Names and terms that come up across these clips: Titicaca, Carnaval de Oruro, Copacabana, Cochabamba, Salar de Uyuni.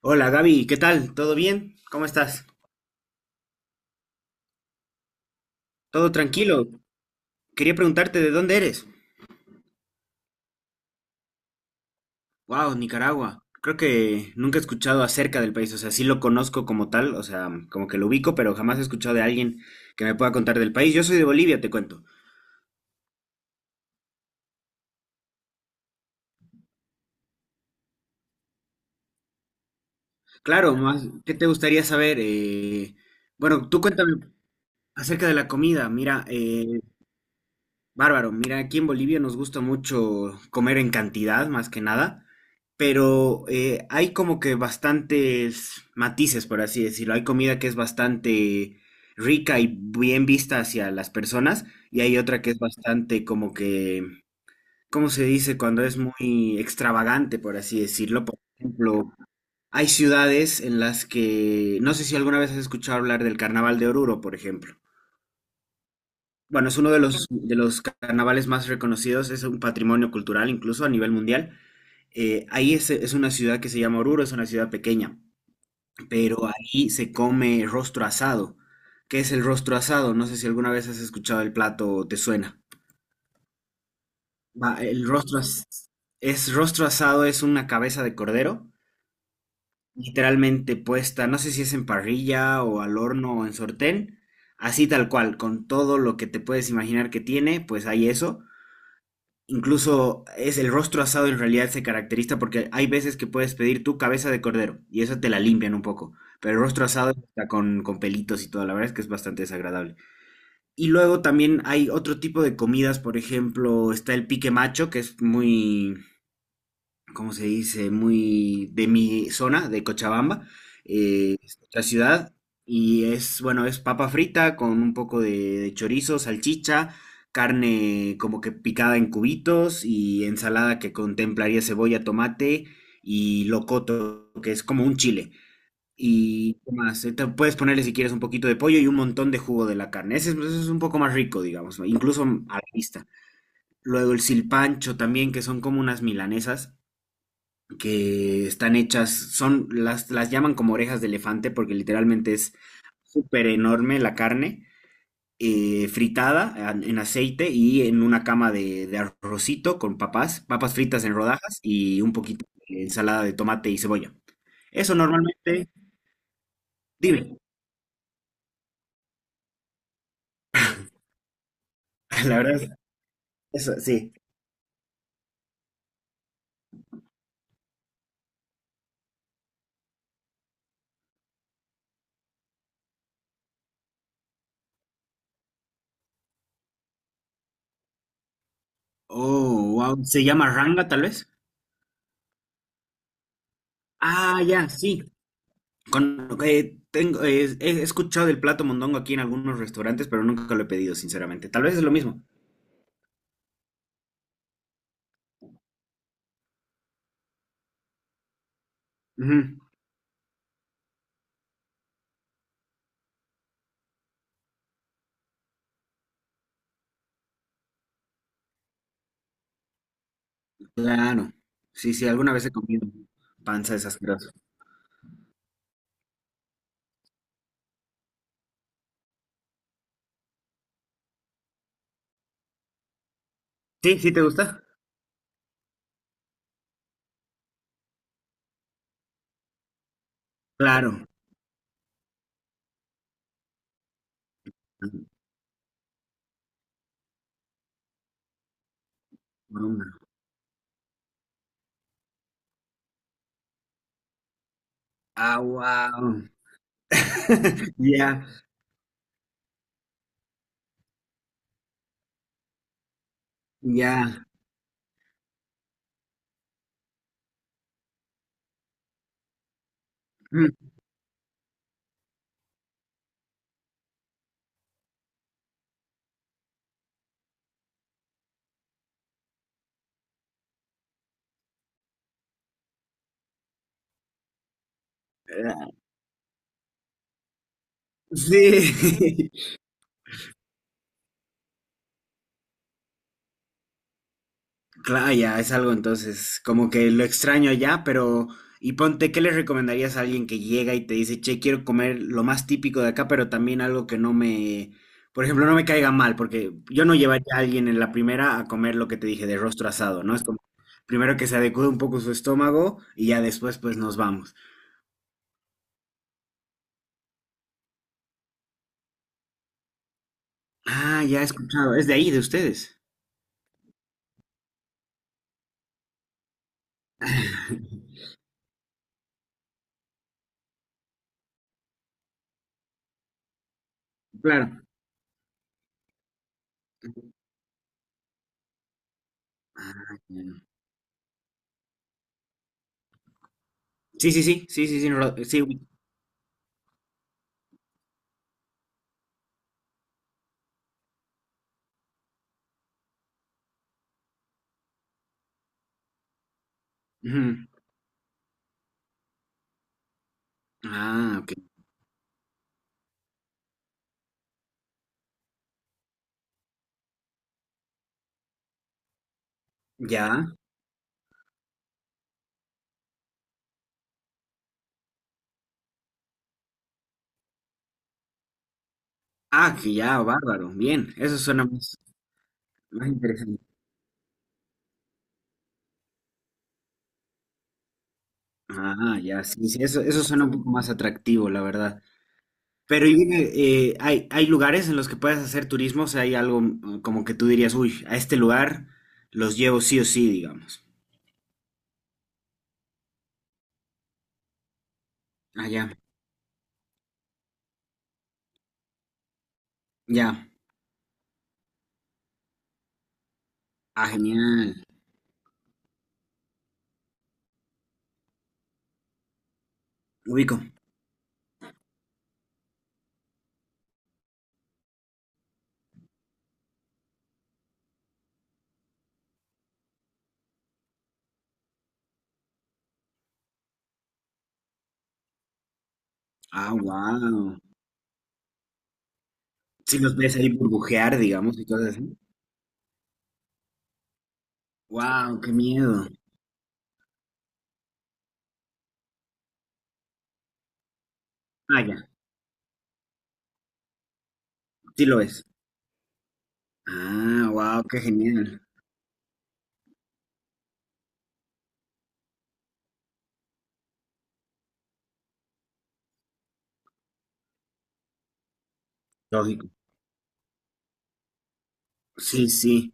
Hola Gaby, ¿qué tal? ¿Todo bien? ¿Cómo estás? ¿Todo tranquilo? Quería preguntarte de dónde eres. Wow, Nicaragua. Creo que nunca he escuchado acerca del país, o sea, sí lo conozco como tal, o sea, como que lo ubico, pero jamás he escuchado de alguien que me pueda contar del país. Yo soy de Bolivia, te cuento. Claro, más, ¿qué te gustaría saber? Bueno, tú cuéntame acerca de la comida. Mira, bárbaro, mira, aquí en Bolivia nos gusta mucho comer en cantidad, más que nada, pero hay como que bastantes matices, por así decirlo. Hay comida que es bastante rica y bien vista hacia las personas, y hay otra que es bastante como que, ¿cómo se dice? Cuando es muy extravagante, por así decirlo. Por ejemplo, hay ciudades en las que, no sé si alguna vez has escuchado hablar del Carnaval de Oruro, por ejemplo. Bueno, es uno de los carnavales más reconocidos, es un patrimonio cultural incluso a nivel mundial. Ahí es una ciudad que se llama Oruro, es una ciudad pequeña, pero ahí se come rostro asado. ¿Qué es el rostro asado? No sé si alguna vez has escuchado el plato o te suena. Va, es rostro asado, es una cabeza de cordero, literalmente puesta, no sé si es en parrilla o al horno o en sortén, así tal cual, con todo lo que te puedes imaginar que tiene, pues hay eso. Incluso es el rostro asado, en realidad se caracteriza porque hay veces que puedes pedir tu cabeza de cordero y eso te la limpian un poco. Pero el rostro asado está con pelitos y todo, la verdad es que es bastante desagradable. Y luego también hay otro tipo de comidas, por ejemplo, está el pique macho, que es muy, ¿cómo se dice? Muy de mi zona, de Cochabamba, es la ciudad. Y es, bueno, es papa frita con un poco de chorizo, salchicha, carne como que picada en cubitos y ensalada que contemplaría cebolla, tomate y locoto, que es como un chile. Y ¿qué más? Te puedes ponerle si quieres un poquito de pollo y un montón de jugo de la carne. Ese, es, ese es un poco más rico, digamos, ¿no? Incluso a la vista. Luego el silpancho también, que son como unas milanesas que están hechas, son, las llaman como orejas de elefante porque literalmente es súper enorme la carne, fritada en aceite y en una cama de arrocito con papas, papas fritas en rodajas y un poquito de ensalada de tomate y cebolla. Eso normalmente, dime, la verdad, eso sí. Oh, wow, se llama ranga tal vez. Ah, ya, sí. Con, tengo, he escuchado del plato mondongo aquí en algunos restaurantes, pero nunca lo he pedido, sinceramente. Tal vez es lo mismo. Ujú, claro. Sí, sí, alguna vez he comido panza de esas grasas. Sí, sí, ¿te gusta? Claro. Mm. Ah, wow. Ya, ya. Mm, ah, sí. Claro, ya es algo entonces, como que lo extraño allá, pero y ponte, ¿qué le recomendarías a alguien que llega y te dice, che, quiero comer lo más típico de acá, pero también algo que no me, por ejemplo, no me caiga mal, porque yo no llevaría a alguien en la primera a comer lo que te dije de rostro asado, ¿no? Es como primero que se adecue un poco su estómago y ya después pues nos vamos. Ah, ya he escuchado, es de ahí, de ustedes. Claro. Ah, ya. Sí, sí, sí, sí, sí, sí, sí. Ujú. Ah, ok. Ya. Ah, que ya, bárbaro. Bien, eso suena más, más interesante. Ah, ya, sí, sí, eso suena un poco más atractivo, la verdad. Pero y dime, ¿hay, hay lugares en los que puedes hacer turismo? O sea, hay algo mm, como que tú dirías, uy, a este lugar los llevo sí o sí, digamos. Ah, ya, ya. Ah, genial. Ubico. Ah, wow. Sí los ves ahí burbujear, digamos, y cosas así. Wow, qué miedo. Ah, ya, sí lo ves. Ah, wow, qué genial. Lógico. Sí, sí.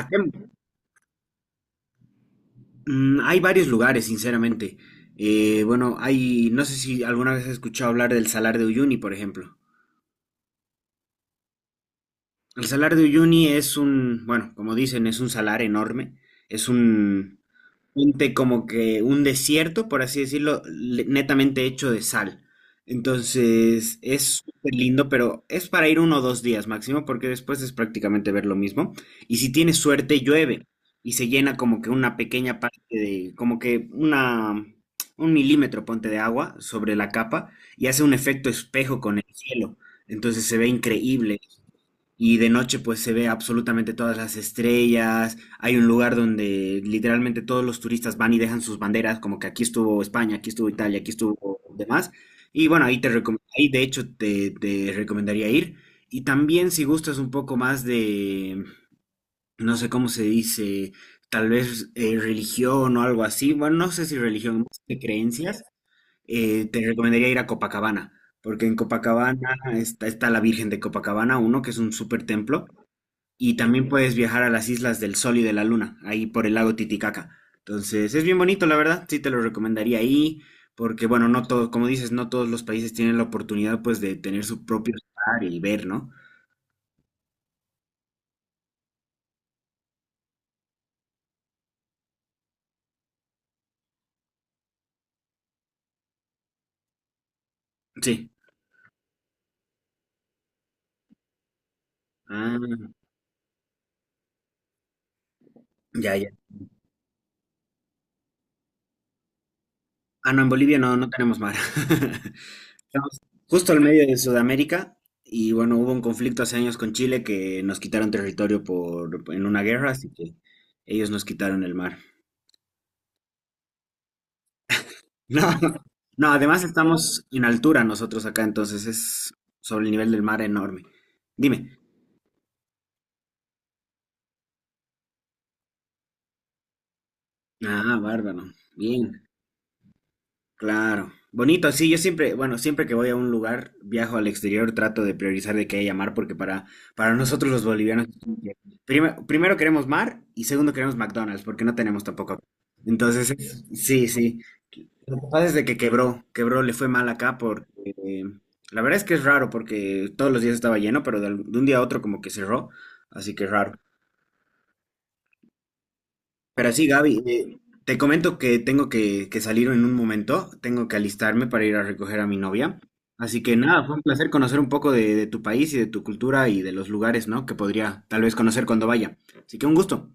Acá mm, hay varios lugares, sinceramente. Bueno, hay, no sé si alguna vez has escuchado hablar del Salar de Uyuni, por ejemplo. El Salar de Uyuni es un, bueno, como dicen, es un salar enorme. Es un, ponte como que un desierto, por así decirlo, netamente hecho de sal. Entonces es súper lindo, pero es para ir uno o dos días máximo, porque después es prácticamente ver lo mismo. Y si tienes suerte, llueve y se llena como que una pequeña parte de, como que una, un milímetro, ponte de agua sobre la capa y hace un efecto espejo con el cielo. Entonces se ve increíble. Y de noche pues se ve absolutamente todas las estrellas. Hay un lugar donde literalmente todos los turistas van y dejan sus banderas, como que aquí estuvo España, aquí estuvo Italia, aquí estuvo demás. Y bueno, ahí de hecho te, te recomendaría ir. Y también si gustas un poco más de, no sé cómo se dice, tal vez religión o algo así. Bueno, no sé si religión, más de creencias, te recomendaría ir a Copacabana. Porque en Copacabana está, está la Virgen de Copacabana, uno que es un súper templo. Y también puedes viajar a las islas del Sol y de la Luna, ahí por el lago Titicaca. Entonces, es bien bonito, la verdad, sí te lo recomendaría ahí, porque bueno, no todo, como dices, no todos los países tienen la oportunidad pues de tener su propio mar y ver, ¿no? Sí. Ah, ya, ya. Ah, no, en Bolivia no, no tenemos mar. Estamos justo al medio de Sudamérica y bueno, hubo un conflicto hace años con Chile que nos quitaron territorio por, en una guerra, así que ellos nos quitaron el mar. No, no, además estamos en altura nosotros acá, entonces es sobre el nivel del mar enorme. Dime. Ah, bárbaro. Bien, claro. Bonito, sí, yo siempre, bueno, siempre que voy a un lugar, viajo al exterior, trato de priorizar de que haya mar, porque para nosotros los bolivianos, primero queremos mar y segundo queremos McDonald's, porque no tenemos tampoco. Entonces, sí, sí. Lo que pasa es de que quebró, le fue mal acá porque eh, la verdad es que es raro porque todos los días estaba lleno, pero de, de un día a otro como que cerró, así que es raro. Pero sí, Gaby, te comento que que salir en un momento, tengo que alistarme para ir a recoger a mi novia. Así que nada, fue un placer conocer un poco de tu país y de tu cultura y de los lugares, ¿no? Que podría tal vez conocer cuando vaya. Así que un gusto.